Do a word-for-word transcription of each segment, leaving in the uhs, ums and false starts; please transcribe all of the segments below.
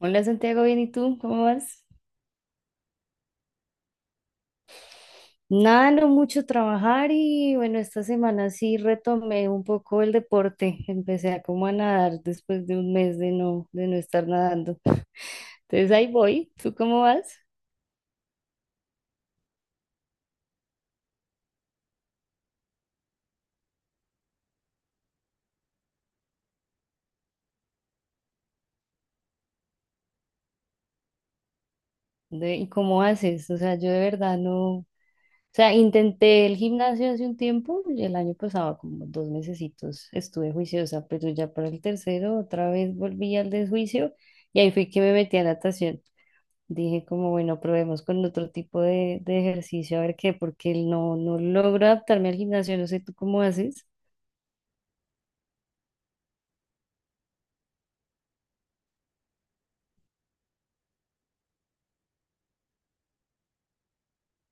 Hola Santiago, bien, ¿y tú? ¿Cómo vas? Nada, no mucho trabajar y bueno, esta semana sí retomé un poco el deporte. Empecé a como a nadar después de un mes de no, de no estar nadando. Entonces ahí voy. ¿Tú cómo vas? De- ¿y cómo haces? O sea, yo de verdad no. O sea, intenté el gimnasio hace un tiempo, y el año pasado como dos mesecitos estuve juiciosa, pero ya para el tercero otra vez volví al desjuicio y ahí fue que me metí a natación. Dije como, bueno, probemos con otro tipo de, de ejercicio, a ver qué, porque no, no logro adaptarme al gimnasio, no sé tú cómo haces.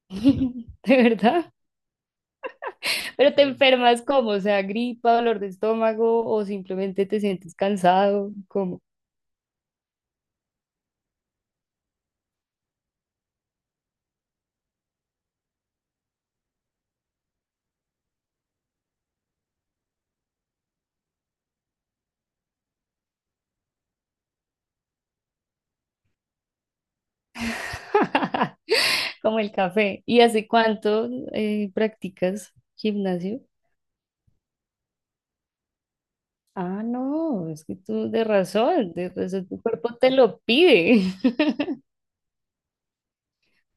De verdad. Pero te Pues, enfermas como, o sea, gripa, dolor de estómago o simplemente te sientes cansado, como. Como el café. ¿Y hace cuánto eh, practicas gimnasio? Ah, no, es que tú de razón, de razón, tu cuerpo te lo pide.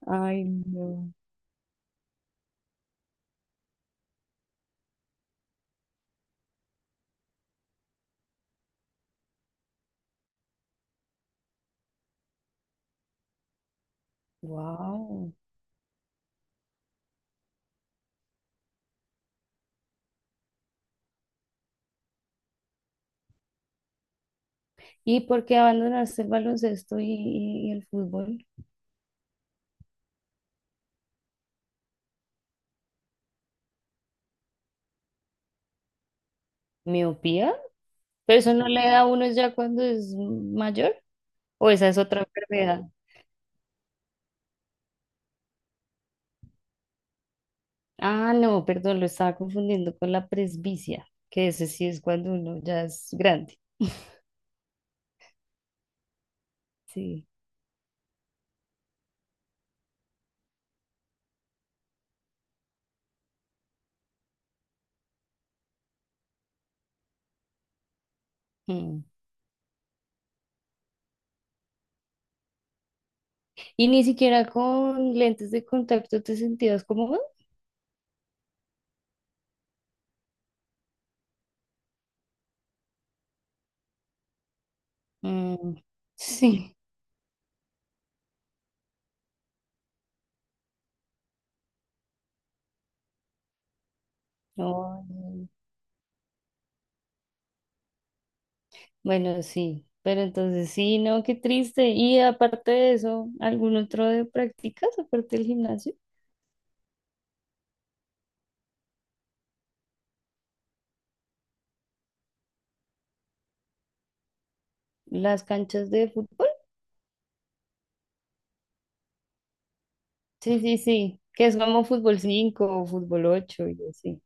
Ay, no. Wow. ¿Y por qué abandonaste el baloncesto y, y- y el fútbol? ¿Miopía? ¿Pero eso no le da a uno ya cuando es mayor? ¿O esa es otra enfermedad? Ah, no, perdón, lo estaba confundiendo con la presbicia, que ese sí es cuando uno ya es grande. Sí. Mm. ¿Y ni siquiera con lentes de contacto te sentías cómodo? Mm, sí. No, no. Bueno, sí. Pero entonces sí, no, qué triste. Y aparte de eso, ¿algún otro de prácticas aparte del gimnasio? Las canchas de fútbol. Sí, sí, sí. Que es como fútbol cinco, o fútbol ocho y así.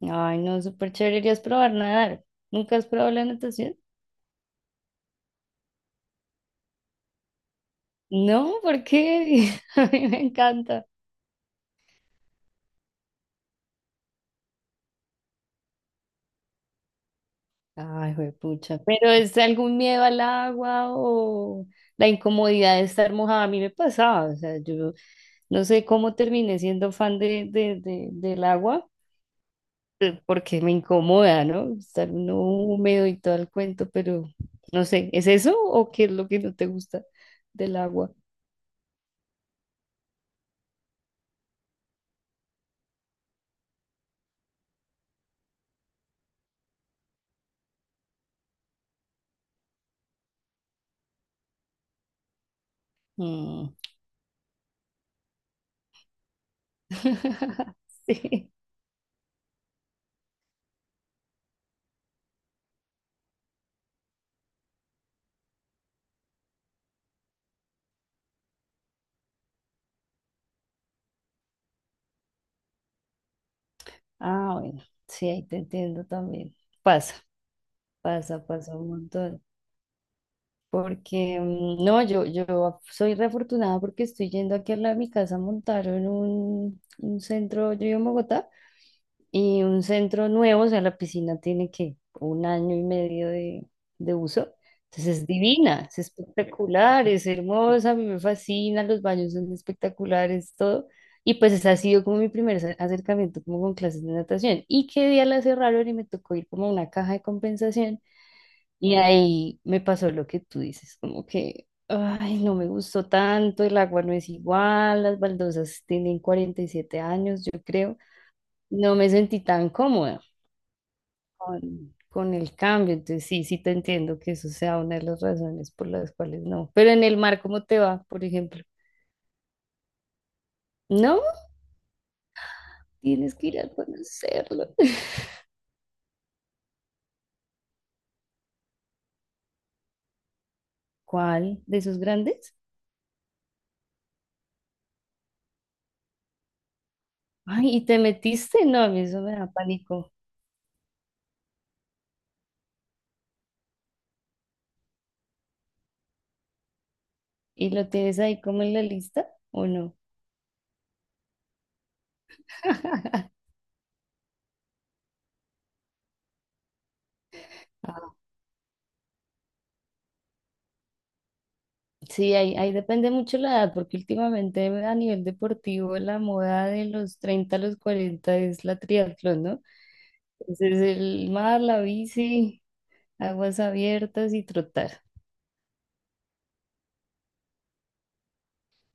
Ay, no, súper chévere. Deberías probar nadar. ¿Nunca has probado la natación? No, ¿por qué? A mí me encanta. Ay, pucha. Pero es algún miedo al agua o la incomodidad de estar mojada. A mí me pasaba. O sea, yo no sé cómo terminé siendo fan de, de, de- del agua. eh, porque me incomoda, ¿no? Estar uno húmedo y todo el cuento, pero no sé, ¿es eso o qué es lo que no te gusta del agua? Mm. Sí. Ah, bueno, sí, ahí te entiendo también. Pasa, pasa, pasa un montón. Porque mm, no, yo, yo soy re afortunada porque estoy yendo aquí al lado de mi casa, montaron un, un centro, yo vivo en Bogotá. Y un centro nuevo, o sea, la piscina tiene que un año y medio de, de uso. Entonces es divina, es espectacular, es hermosa, a mí me fascina, los baños son espectaculares, todo. Y pues ese ha sido como mi primer ac- acercamiento como con clases de natación. Y qué día la cerraron y me tocó ir como a una caja de compensación. Y ahí me pasó lo que tú dices, como que, ay, no me gustó tanto, el agua no es igual, las baldosas tienen cuarenta y siete años, yo creo. No me sentí tan cómoda con, con el cambio. Entonces, sí, sí te entiendo que eso sea una de las razones por las cuales no. Pero en el mar, ¿cómo te va, por ejemplo? No, tienes que ir a conocerlo. ¿Cuál de esos grandes? Ay, ¿y te metiste? No, a mí eso me da pánico. ¿Y lo tienes ahí como en la lista o no? Sí, ahí, ahí depende mucho la edad, porque últimamente a nivel deportivo la moda de los treinta a los cuarenta es la triatlón, ¿no? Entonces el mar, la bici, aguas abiertas y trotar.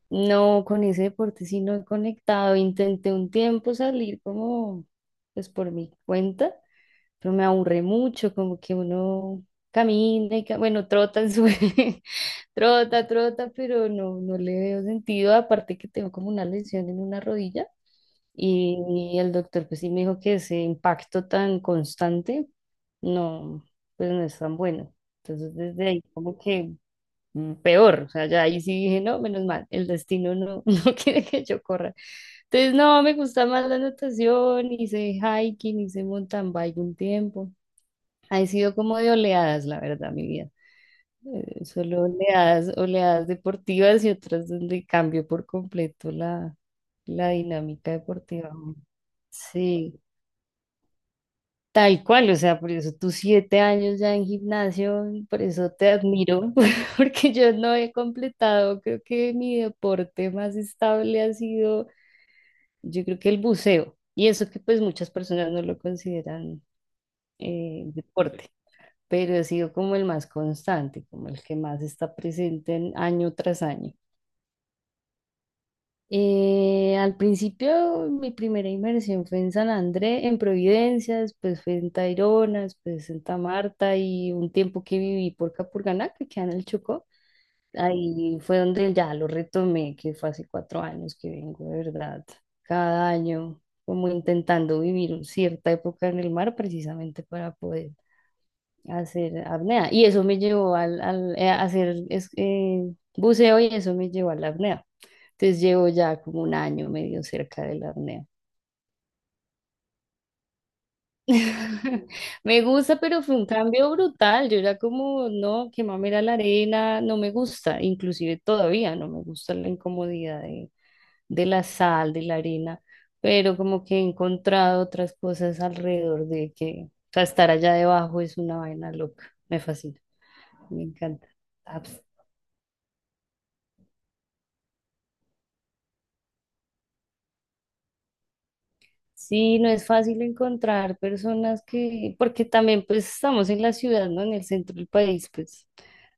No, con ese deporte sí no he conectado. Intenté un tiempo salir como, pues por mi cuenta, pero me aburre mucho, como que uno camina y, ca- bueno, trota en su. Trota, trota, pero no, no le veo sentido. Aparte que tengo como una lesión en una rodilla y, y el doctor pues sí me dijo que ese impacto tan constante no, pues no es tan bueno. Entonces desde ahí como que mm, peor. O sea, ya ahí sí dije, no, menos mal, el destino no, no quiere que yo corra. Entonces, no, me gusta más la natación, hice hiking, hice mountain bike un tiempo. Ha sido como de oleadas, la verdad, mi vida. Eh, Solo oleadas, oleadas deportivas y otras donde cambio por completo la, la dinámica deportiva. Sí. Tal cual, o sea, por eso tus siete años ya en gimnasio, por eso te admiro, porque yo no he completado, creo que mi deporte más estable ha sido, yo creo que el buceo, y eso que pues muchas personas no lo consideran eh, deporte, pero ha sido como el más constante, como el que más está presente en año tras año. Eh, al principio mi primera inversión fue en San Andrés, en Providencia, después fue en Tayrona, después en Santa Marta y un tiempo que viví por Capurganá, que queda en el Chocó. Ahí fue donde ya lo retomé, que fue hace cuatro años que vengo, de verdad, cada año como intentando vivir un- cierta época en el mar precisamente para poder hacer apnea. Y eso me llevó al, al- eh, a hacer es- eh, buceo y eso me llevó a la apnea. Entonces llevo ya como un año medio cerca de la apnea. Me gusta, pero fue un cambio brutal. Yo era como, no, que mamera la arena, no me gusta, inclusive todavía no me gusta la incomodidad de, de la sal, de la arena, pero como que he encontrado otras cosas alrededor de que, o sea, estar allá debajo es una vaina loca, me fascina, me encanta. Sí, no es fácil encontrar personas que, porque también pues estamos en la ciudad, ¿no? En el centro del país, pues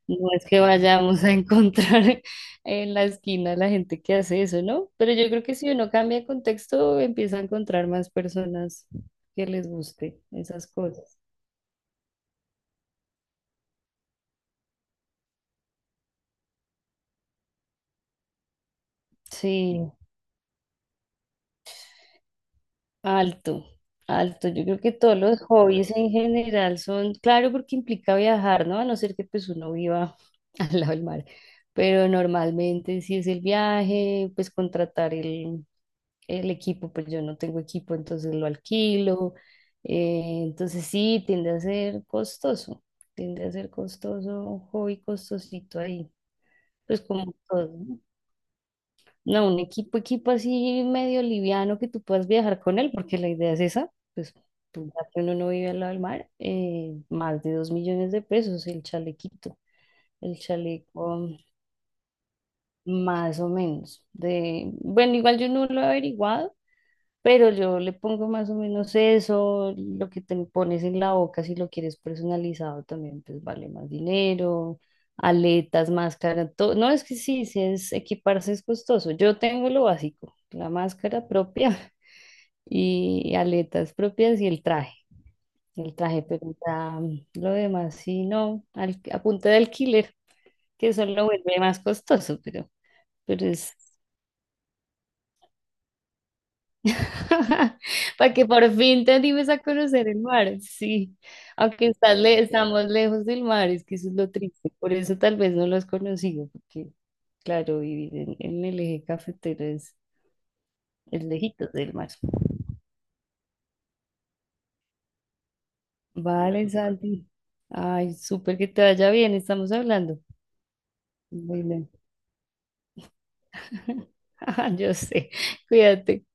no es que vayamos a encontrar en la esquina la gente que hace eso, ¿no? Pero yo creo que si uno cambia de contexto, empieza a encontrar más personas que les guste esas cosas. Sí. Alto, alto. Yo creo que todos los hobbies en general son, claro, porque implica viajar, ¿no? A no ser que pues uno viva al lado del mar. Pero normalmente si es el viaje, pues contratar el, el equipo, pues yo no tengo equipo, entonces lo alquilo. Eh, entonces sí, tiende a ser costoso, tiende a ser costoso, un hobby costosito ahí, pues como todo, ¿no? No, un equipo, equipo así medio liviano que tú puedas viajar con él, porque la idea es esa, pues tú, ya que uno no vive al lado del mar, eh, más de dos millones de pesos el chalequito, el chaleco mm, más o menos. De, bueno, igual yo no lo he averiguado, pero yo le pongo más o menos eso, lo que te pones en la boca, si lo quieres personalizado también, pues vale más dinero, aletas, máscara, todo. No, es que sí, sí es equiparse es costoso. Yo tengo lo básico, la máscara propia y aletas propias y el traje, el traje, pero ya mm, lo demás sí, no, al, a punta de alquiler, que eso lo vuelve más costoso, pero, pero es. Para que por fin te animes a conocer el mar, sí. Aunque estás le- estamos lejos del mar, es que eso es lo triste. Por eso tal vez no lo has conocido, porque claro, vivir en, en el eje cafetero es, es, lejitos del mar. Vale, Santi. Ay, súper que te vaya bien, estamos hablando. Bueno, yo sé. Cuídate.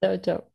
Chao, chao.